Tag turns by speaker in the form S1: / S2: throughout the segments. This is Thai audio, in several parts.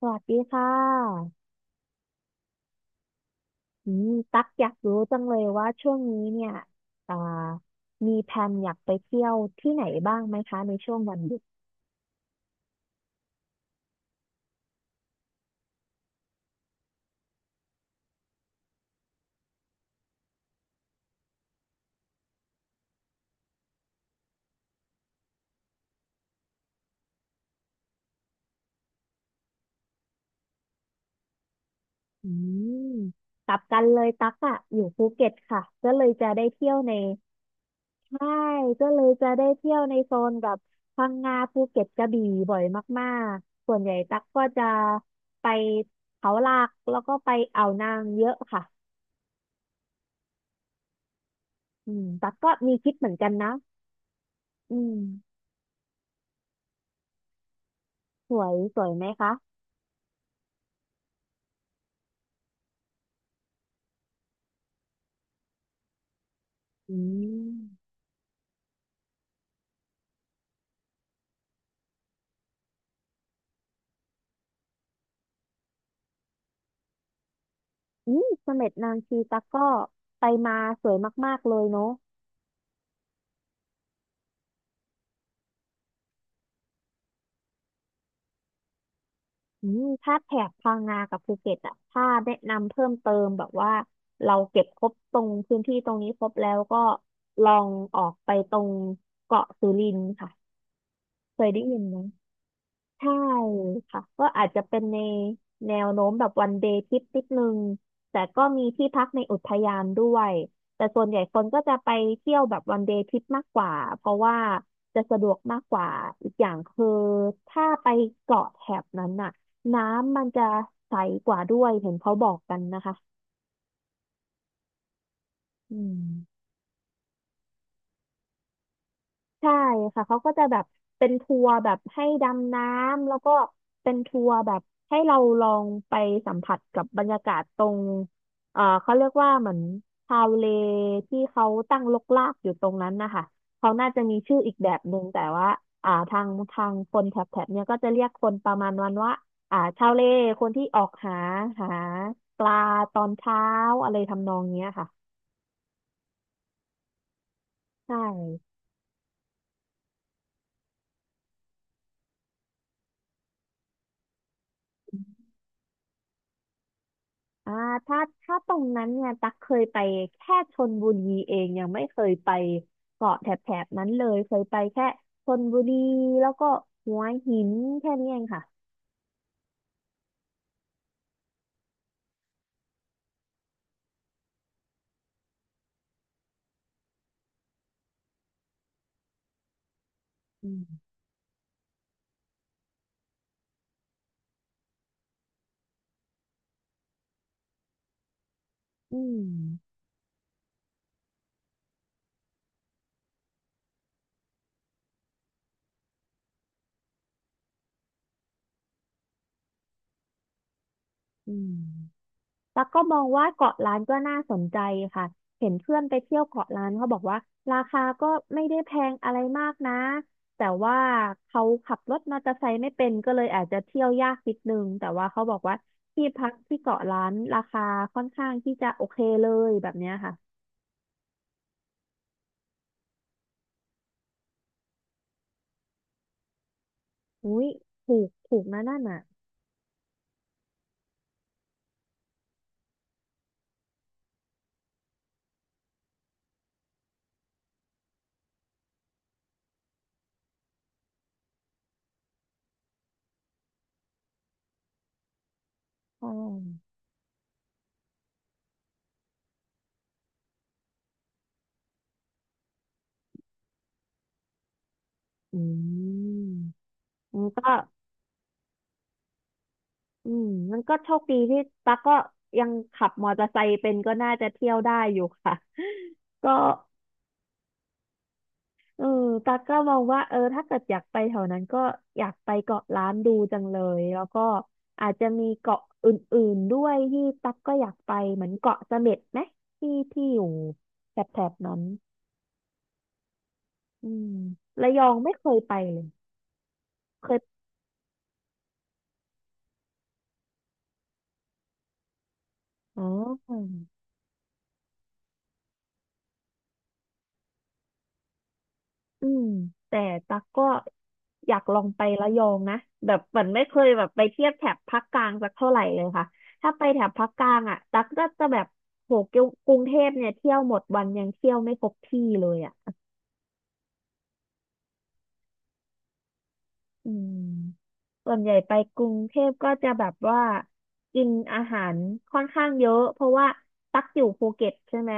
S1: สวัสดีค่ะอืมตักอยากรู้จังเลยว่าช่วงนี้เนี่ยอ่ามีแพลนอยากไปเที่ยวที่ไหนบ้างไหมคะในช่วงวันหยุดอืมกลับกันเลยตักอะอยู่ภูเก็ตค่ะก็เลยจะได้เที่ยวในใช่ก็เลยจะได้เที่ยวในโซนแบบพังงาภูเก็ตกระบี่บ่อยมากๆ ส่วนใหญ่ตักก็จะไปเขาหลักแล้วก็ไปอ่าวนางเยอะค่ะตักก็มีคิดเหมือนกันนะอืมสวยสวยไหมคะ อืมอืมเสม็ดนางชีตะกร้อไปมาสวยมากๆเลยเนาะถ้าแถบพังงากับภูเก็ตอ่ะถ้าแนะนำเพิ่มเติมแบบว่าเราเก็บครบตรงพื้นที่ตรงนี้ครบแล้วก็ลองออกไปตรงเกาะสุรินทร์ค่ะเคยได้ยินไหม ใช่ค่ะก็อาจจะเป็นในแนวโน้มแบบวันเดย์ทริปนิดนึงแต่ก็มีที่พักในอุทยานด้วยแต่ส่วนใหญ่คนก็จะไปเที่ยวแบบวันเดย์ทริปมากกว่าเพราะว่าจะสะดวกมากกว่าอีกอย่างคือถ้าไปเกาะแถบนั้นน่ะน้ำมันจะใสกว่าด้วยเห็นเขาบอกกันนะคะอืม ใช่ค่ะ เขาก็จะแบบเป็นทัวร์แบบให้ดำน้ำแล้วก็เป็นทัวร์แบบให้เราลองไปสัมผัสกับบรรยากาศตรงเขาเรียกว่าเหมือนชาวเลที่เขาตั้งรกรากอยู่ตรงนั้นนะคะ เขาน่าจะมีชื่ออีกแบบหนึ่งแต่ว่าทางคนแถบเนี้ยก็จะเรียกคนประมาณวันว่าชาวเลคนที่ออกหาหาปลาตอนเช้าอะไรทำนองเนี้ยค่ะใช่ อ่าถ้าตรงนั้นเนี่ย ตักเคยไปแค่ชลบุรีเอง ยังไม่เคยไปเกาะแถบนั้นเลย เคยไปแค่ชลบุรีแล้วก็หัวหินแค่นี้เองค่ะอืมอืมอืม แล้วก็มองว่าเกาะล้านก็น่าสนใจค่ะ เห็นเพื่อนไปเที่ยวเกาะล้านเขาบอกว่าราคาก็ไม่ได้แพงอะไรมากนะแต่ว่าเขาขับรถมอเตอร์ไซค์ไม่เป็นก็เลยอาจจะเที่ยวยากนิดนึงแต่ว่าเขาบอกว่าที่พักที่เกาะล้านราคาค่อนข้างที่จะโอเคเลยแบบเนี้ยค่ะอุ้ยถูกถูกนะนั่นน่ะอ๋ออืมมันก็อืมมันก็โชคดีที่ตั๊กก็ยังขับมอเตอร์ไซค์เป็นก็น่าจะเที่ยวได้อยู่ค่ะ ก็ เออตากก็มองว่า เออ ถ้าเกิดอยากไปแถวนั้นก็อยากไปเกาะล้านดูจังเลย แล้วก็อาจจะมีเกาะอื่นๆด้วยที่ตักก็อยากไปเหมือนเกาะเสม็ดไหมที่ที่อยู่แถบๆนั้นอืมระยองไม่เคยไปเลยเคยอ๋อ อืมแต่ตั๊กก็อยากลองไประยองนะแบบเหมือนไม่เคยแบบไปเทียบแถบภาคกลางสักเท่าไหร่เลยค่ะถ้าไปแถบภาคกลางอ่ะตั๊กก็จะแบบโหเกี่ยวกรุงเทพเนี่ยเที่ยวหมดวันยังเที่ยวไม่ครบที่เลยอ่ะอืมส่วนใหญ่ไปกรุงเทพก็จะแบบว่ากินอาหารค่อนข้างเยอะเพราะว่าตักอยู่ภูเก็ตใช่ไหม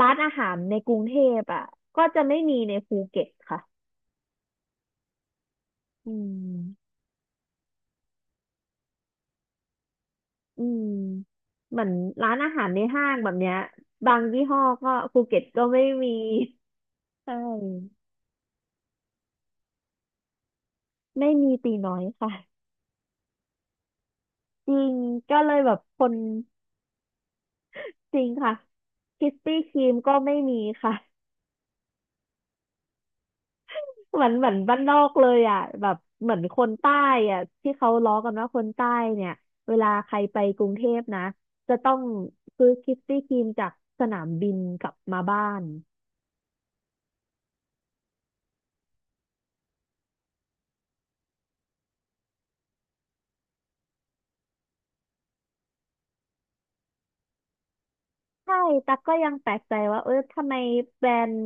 S1: ร้านอาหารในกรุงเทพอ่ะก็จะไม่มีในภูเก็ตค่ะอืม อืมเหมือนร้านอาหารในห้างแบบเนี้ยบางยี่ห้อก็ภูเก็ตก็ไม่มีใช่ไม่มีตีน้อยค่ะจริงก็เลยแบบคนจริงค่ะคิสปี้ครีมก็ไม่มีค่ะเหมือนบ้านนอกเลยอ่ะแบบเหมือนคนใต้อ่ะที่เขาล้อกันว่าคนใต้เนี่ยเวลาใครไปกรุงเทพนะจะต้องซื้อคิสปี้ครีมจากสนามบินกลับมาบ้าน ใช่ตั๊กก็ยังแปลกใจว่าเออทำไมแบรนด์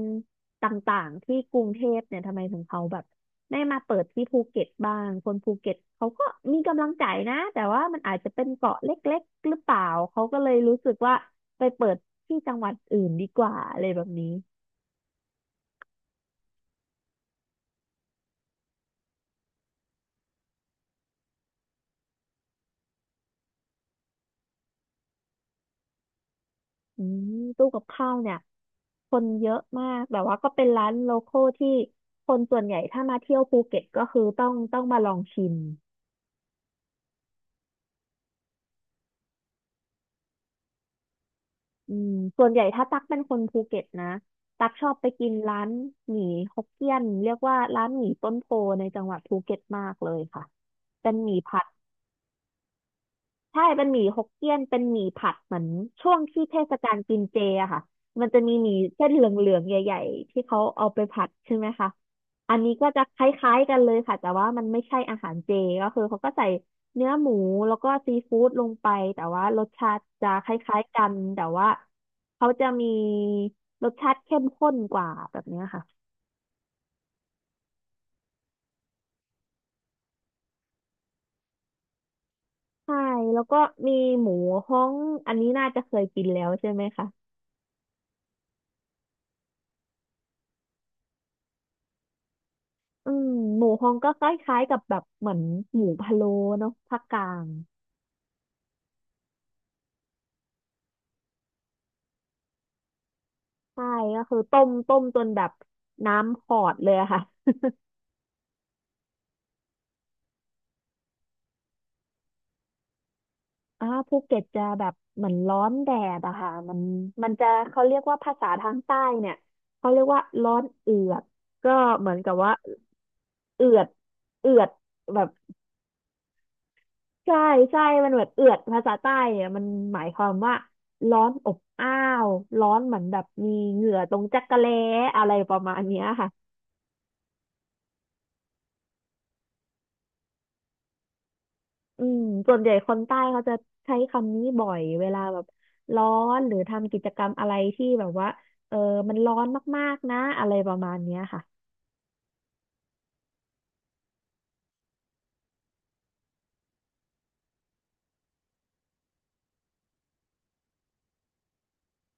S1: ต่างๆที่กรุงเทพเนี่ยทำไมถึงเขาแบบไม่มาเปิดที่ภูเก็ตบ้างคนภูเก็ตเขาก็มีกำลังใจนะแต่ว่ามันอาจจะเป็นเกาะเล็กๆหรือเปล่า เขาก็เลยรู้สึกว่าไปเปิดที่จังหวัดอื่นดีกว่าอะไรแบบนี้อืมตู้กับข้าวเนี่ยคนเยอะมากแต่ว่าก็เป็นร้านโลคอลที่คนส่วนใหญ่ถ้ามาเที่ยวภูเก็ตก็คือต้องมาลองชิม อืมส่วนใหญ่ถ้าตักเป็นคนภูเก็ตนะ ตักชอบไปกินร้านหมี่ฮกเกี้ยนเรียกว่าร้านหมี่ต้นโพในจังหวัดภูเก็ตมากเลยค่ะ เป็นหมี่ผัด ใช่เป็นหมี่ฮกเกี้ยนเป็นหมี่ผัดเหมือนช่วงที่เทศกาลกินเจอะค่ะมันจะมีหมี่เส้นเหลืองๆใหญ่ๆที่เขาเอาไปผัดใช่ไหมคะอันนี้ก็จะคล้ายๆกันเลยค่ะแต่ว่ามันไม่ใช่อาหารเจก็คือเขาก็ใส่เนื้อหมูแล้วก็ซีฟู้ดลงไปแต่ว่ารสชาติจะคล้ายๆกันแต่ว่าเขาจะมีรสชาติเข้มข้นกว่าแบบเนี้ยค่ะใช่แล้วก็มีหมูฮ้องอันนี้น่าจะเคยกินแล้วใช่ไหมคะ อืมหมูฮองก็คล้ายๆกับแบบเหมือนหมูพะโล้เนาะภาคกลางใช่ก็คือต้มจนแบบน้ำขอดเลยอะค่ะภูเก็ตจะแบบเหมือนร้อนแดดอะค่ะมันจะเขาเรียกว่าภาษาทางใต้เนี่ยเขาเรียกว่าร้อนเอือดก็เหมือนกับว่าเอือดเอือดแบบใช่ใช่มันเหมือนเอือดภาษาใต้เนี่ยมันหมายความว่าร้อนอบอ้าวร้อนเหมือนแบบมีเหงื่อตรงจักระแล้อะไรประมาณเนี้ยค่ะ อืมส่วนใหญ่คนใต้เขาจะใช้คำนี้บ่อยเวลาแบบร้อนหรือทำกิจกรรมอะไรที่แบบว่าเออมันร้อนมากๆนะอะไรประมาณเนี้ยค่ะ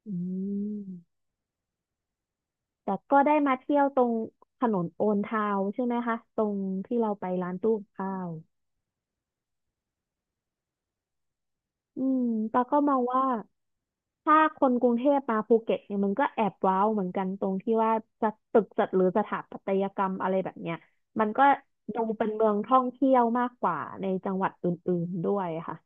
S1: อืมแต่ก็ได้มาเที่ยวตรงถนนโอนทาวใช่ไหมคะตรงที่เราไปร้านตู้กับข้าว อืมปาก็มองว่าถ้าคนกรุงเทพมาภูเก็ตเนี่ยมันก็แอบว้าวเหมือนกันตรงที่ว่าจะตึกจัดหรือสถาปัตยกรรมอะไรแบบเนี้ยมันก็ดูเป็นเมืองท่องเที่ยวมากกว่าในจังหวัดอื่นๆด้วยค่ะ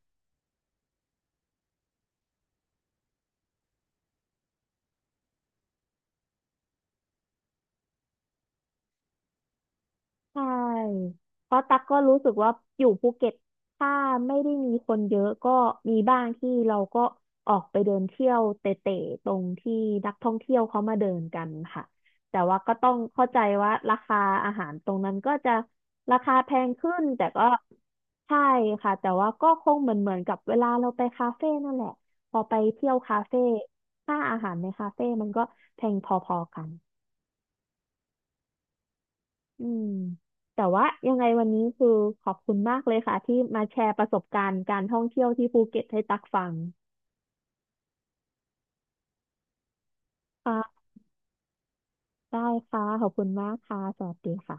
S1: ใช่เพราะตักก็รู้สึกว่าอยู่ภูเก็ตถ้าไม่ได้มีคนเยอะก็มีบ้างที่เราก็ออกไปเดินเที่ยวเตะๆตรงที่นักท่องเที่ยวเขามาเดินกันค่ะแต่ว่าก็ต้องเข้าใจว่าราคาอาหารตรงนั้นก็จะราคาแพงขึ้นแต่ก็ใช่ค่ะแต่ว่าก็คงเหมือนกับเวลาเราไปคาเฟ่นั่นแหละพอไปเที่ยวคาเฟ่ค่าอาหารในคาเฟ่มันก็แพงพอๆกัน อืมแต่ว่ายังไงวันนี้คือขอบคุณมากเลยค่ะที่มาแชร์ประสบการณ์การท่องเที่ยวที่ภูเก็ตให้ตักฟังค่ะได้ค่ะขอบคุณมากค่ะสวัสดีค่ะ